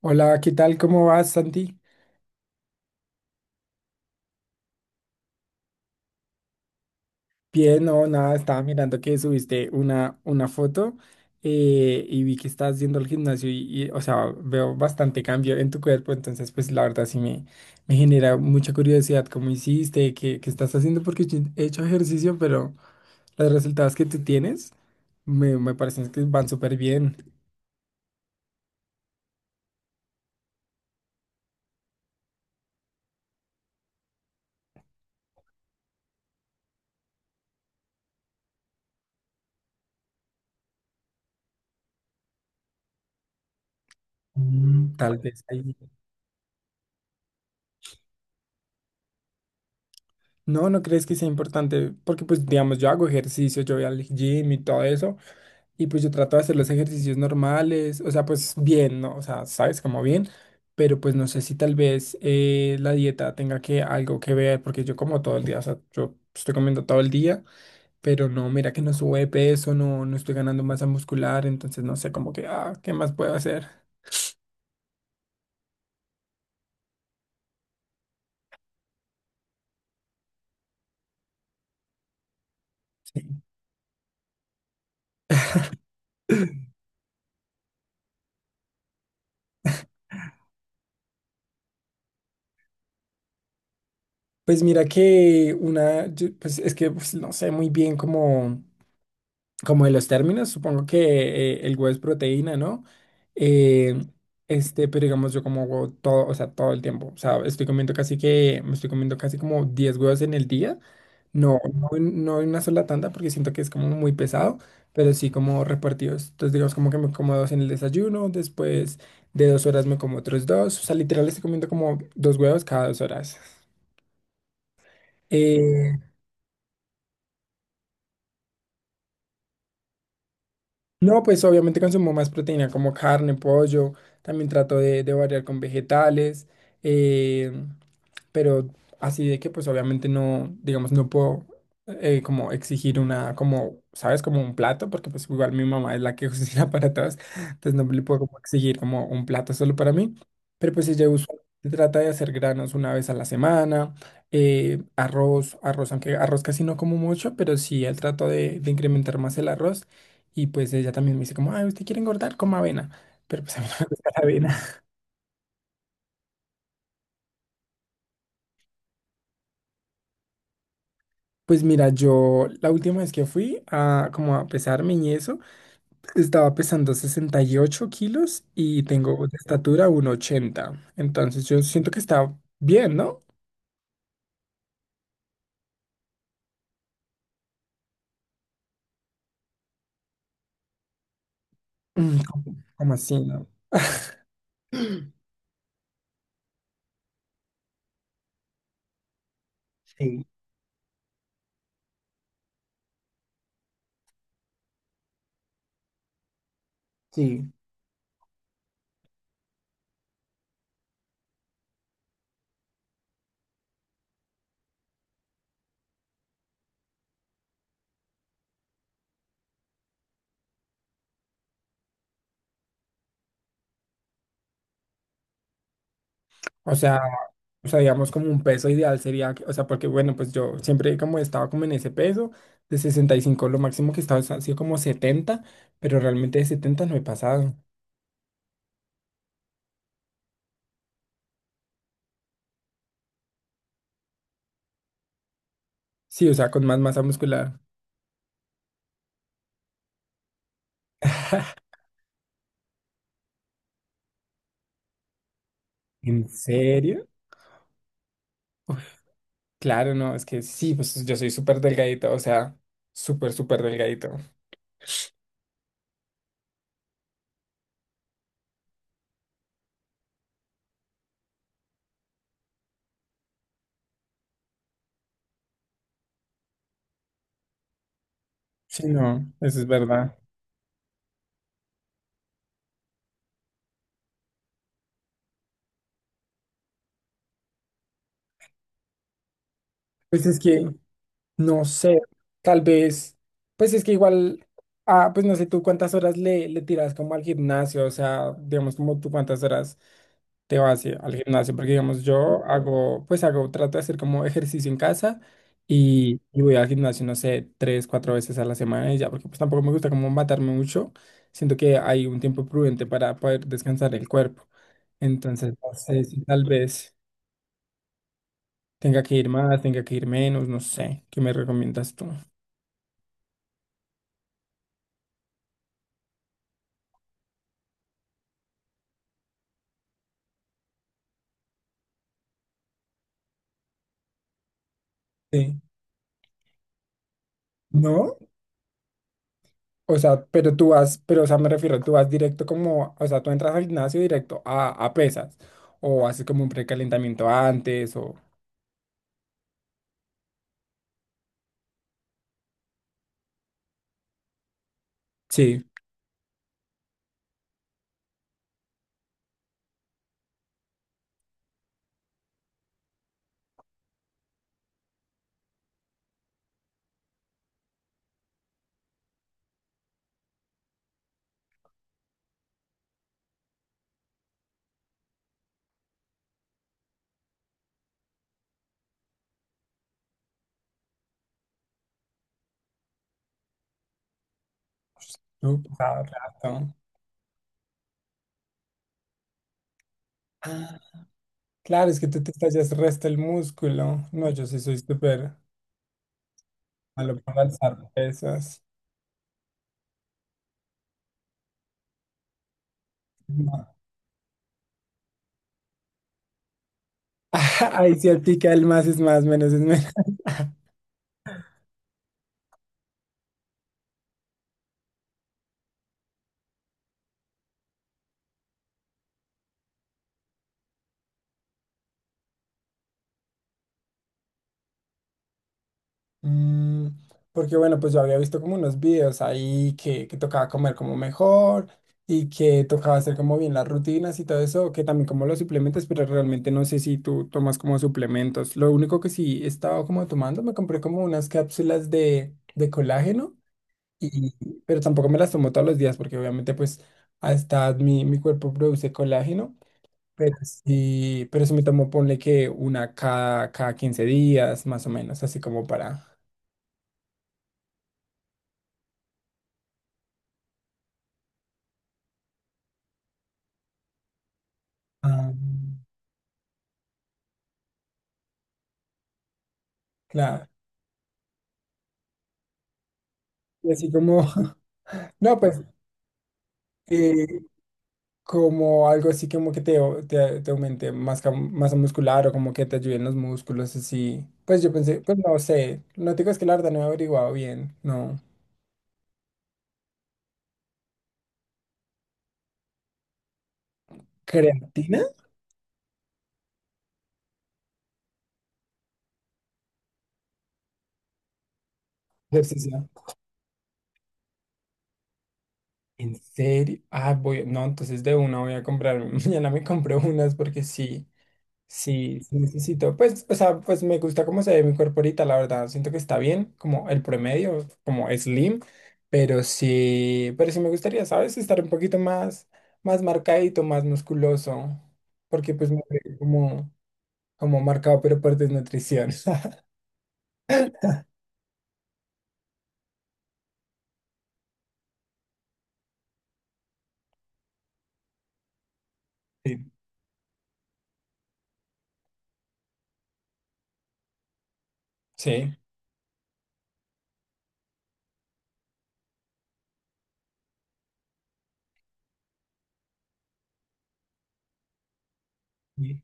Hola, ¿qué tal? ¿Cómo vas, Santi? Bien, no, nada, estaba mirando que subiste una foto. Y vi que estás yendo al gimnasio y, o sea, veo bastante cambio en tu cuerpo. Entonces, pues la verdad sí me genera mucha curiosidad cómo hiciste, qué estás haciendo, porque yo he hecho ejercicio, pero los resultados que tú tienes me parecen que van súper bien. Mm, tal vez ahí. No, ¿no crees que sea importante? Porque pues digamos, yo hago ejercicio, yo voy al gym y todo eso. Y pues yo trato de hacer los ejercicios normales, o sea, pues bien, ¿no? O sea, sabes, como bien, pero pues no sé si tal vez la dieta tenga que algo que ver, porque yo como todo el día, o sea, yo estoy comiendo todo el día, pero no, mira que no sube de peso, no, no estoy ganando masa muscular, entonces no sé, como que, ah, ¿qué más puedo hacer? Sí. Pues mira que pues es que pues, no sé muy bien cómo, como de los términos. Supongo que el huevo es proteína, ¿no? Eh, este, pero digamos, yo como huevo todo, o sea, todo el tiempo. O sea, estoy comiendo me estoy comiendo casi como 10 huevos en el día. No, no, no en una sola tanda porque siento que es como muy pesado, pero sí como repartidos. Entonces, digamos, como que me como dos en el desayuno, después de 2 horas me como otros dos. O sea, literal estoy comiendo como dos huevos cada 2 horas. Eh, No, pues obviamente consumo más proteína como carne, pollo, también trato de variar con vegetales, eh, pero así de que pues obviamente no, digamos, no puedo como exigir una, como, ¿sabes? Como un plato, porque pues igual mi mamá es la que cocina para todos, entonces no le puedo como exigir como un plato solo para mí, pero pues ella usualmente trata de hacer granos una vez a la semana, arroz, arroz, aunque arroz casi no como mucho, pero sí, él trato de incrementar más el arroz. Y pues ella también me dice como, ah, ¿usted quiere engordar? Coma avena. Pero pues a mí no me gusta la avena. Pues mira, yo la última vez que fui a como a pesarme y eso, estaba pesando 68 kilos y tengo de estatura 1,80. Entonces yo siento que está bien, ¿no? Como así, ¿no? Sí, sí. O sea, O sea, digamos como un peso ideal sería, o sea, porque bueno, pues yo siempre como estaba como en ese peso de 65, lo máximo que estaba ha sido como 70, pero realmente de 70 no he pasado. Sí, o sea, con más masa muscular. ¿En serio? Uy, claro, no, es que sí, pues yo soy súper delgadito, o sea, súper, súper delgadito. Sí, no, eso es verdad. Pues es que, no sé, tal vez, pues es que igual, ah, pues no sé tú cuántas horas le tiras como al gimnasio, o sea, digamos como tú cuántas horas te vas al gimnasio, porque digamos yo hago, pues hago, trato de hacer como ejercicio en casa y voy al gimnasio, no sé, tres, cuatro veces a la semana y ya, porque pues tampoco me gusta como matarme mucho, siento que hay un tiempo prudente para poder descansar el cuerpo, entonces no sé si tal vez tenga que ir más, tenga que ir menos, no sé, ¿qué me recomiendas tú? Sí. ¿No? O sea, pero tú vas, pero o sea, me refiero, tú vas directo como, o sea, tú entras al gimnasio directo a pesas, o haces como un precalentamiento antes, o… Sí, ¿no? Ah, rato. Ah, claro, es que tú te estallas resto el músculo. No, yo sí soy súper malo para alzar pesas. No. Ahí sí aplica el más es más, menos es menos. Mm, Porque bueno, pues yo había visto como unos videos ahí que tocaba comer como mejor y que tocaba hacer como bien las rutinas y todo eso, que también como los suplementos, pero realmente no sé si tú tomas como suplementos. Lo único que sí he estado como tomando, me compré como unas cápsulas de colágeno, y, pero tampoco me las tomo todos los días porque obviamente pues hasta mi cuerpo produce colágeno. Pero sí me tomo, ponle que una cada 15 días, más o menos, así como para… Ah, claro. Y así como, no, pues eh, como algo así como que te aumente masa muscular o como que te ayuden los músculos, así. Pues yo pensé, pues no sé, no te digo, es que la verdad no he averiguado bien, no. ¿Creatina? Ejercicio. ¿En serio? Ah, voy, no, entonces de una voy a comprar, mañana me compré unas porque sí. Sí, sí necesito. Pues, o sea, pues me gusta cómo se ve mi cuerpo ahorita, la verdad. Siento que está bien, como el promedio, como slim, pero sí me gustaría, ¿sabes? Estar un poquito más, más marcadito, más musculoso, porque pues me veo como, como marcado, pero por desnutrición. Sí. Sí. Sí.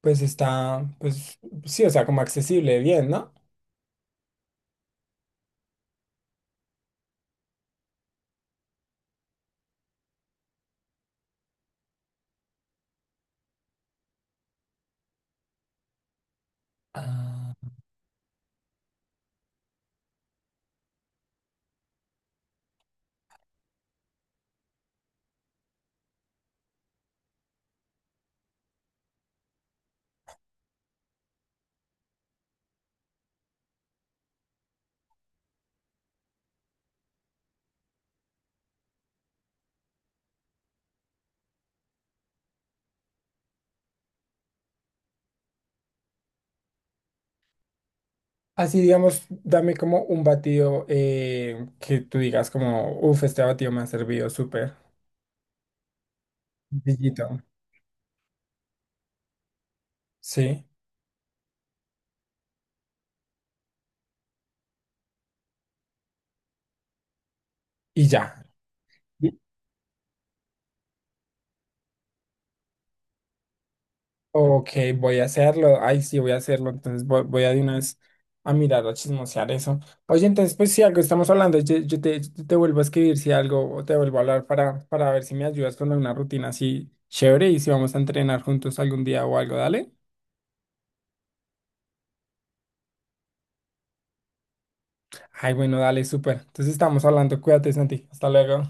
Pues está, pues sí, o sea, como accesible, bien, ¿no? Ah. Así, digamos, dame como un batido que tú digas como, uff, este batido me ha servido súper. Sencillito. Sí, y ya. Bien. Ok, voy a hacerlo. Ay, sí, voy a hacerlo. Entonces voy a de una vez a mirar, a chismosear eso. Oye, entonces, pues si algo estamos hablando, yo te vuelvo a escribir si algo, o te vuelvo a hablar para ver si me ayudas con alguna rutina así chévere y si vamos a entrenar juntos algún día o algo, dale. Ay, bueno, dale, súper. Entonces estamos hablando. Cuídate, Santi. Hasta luego.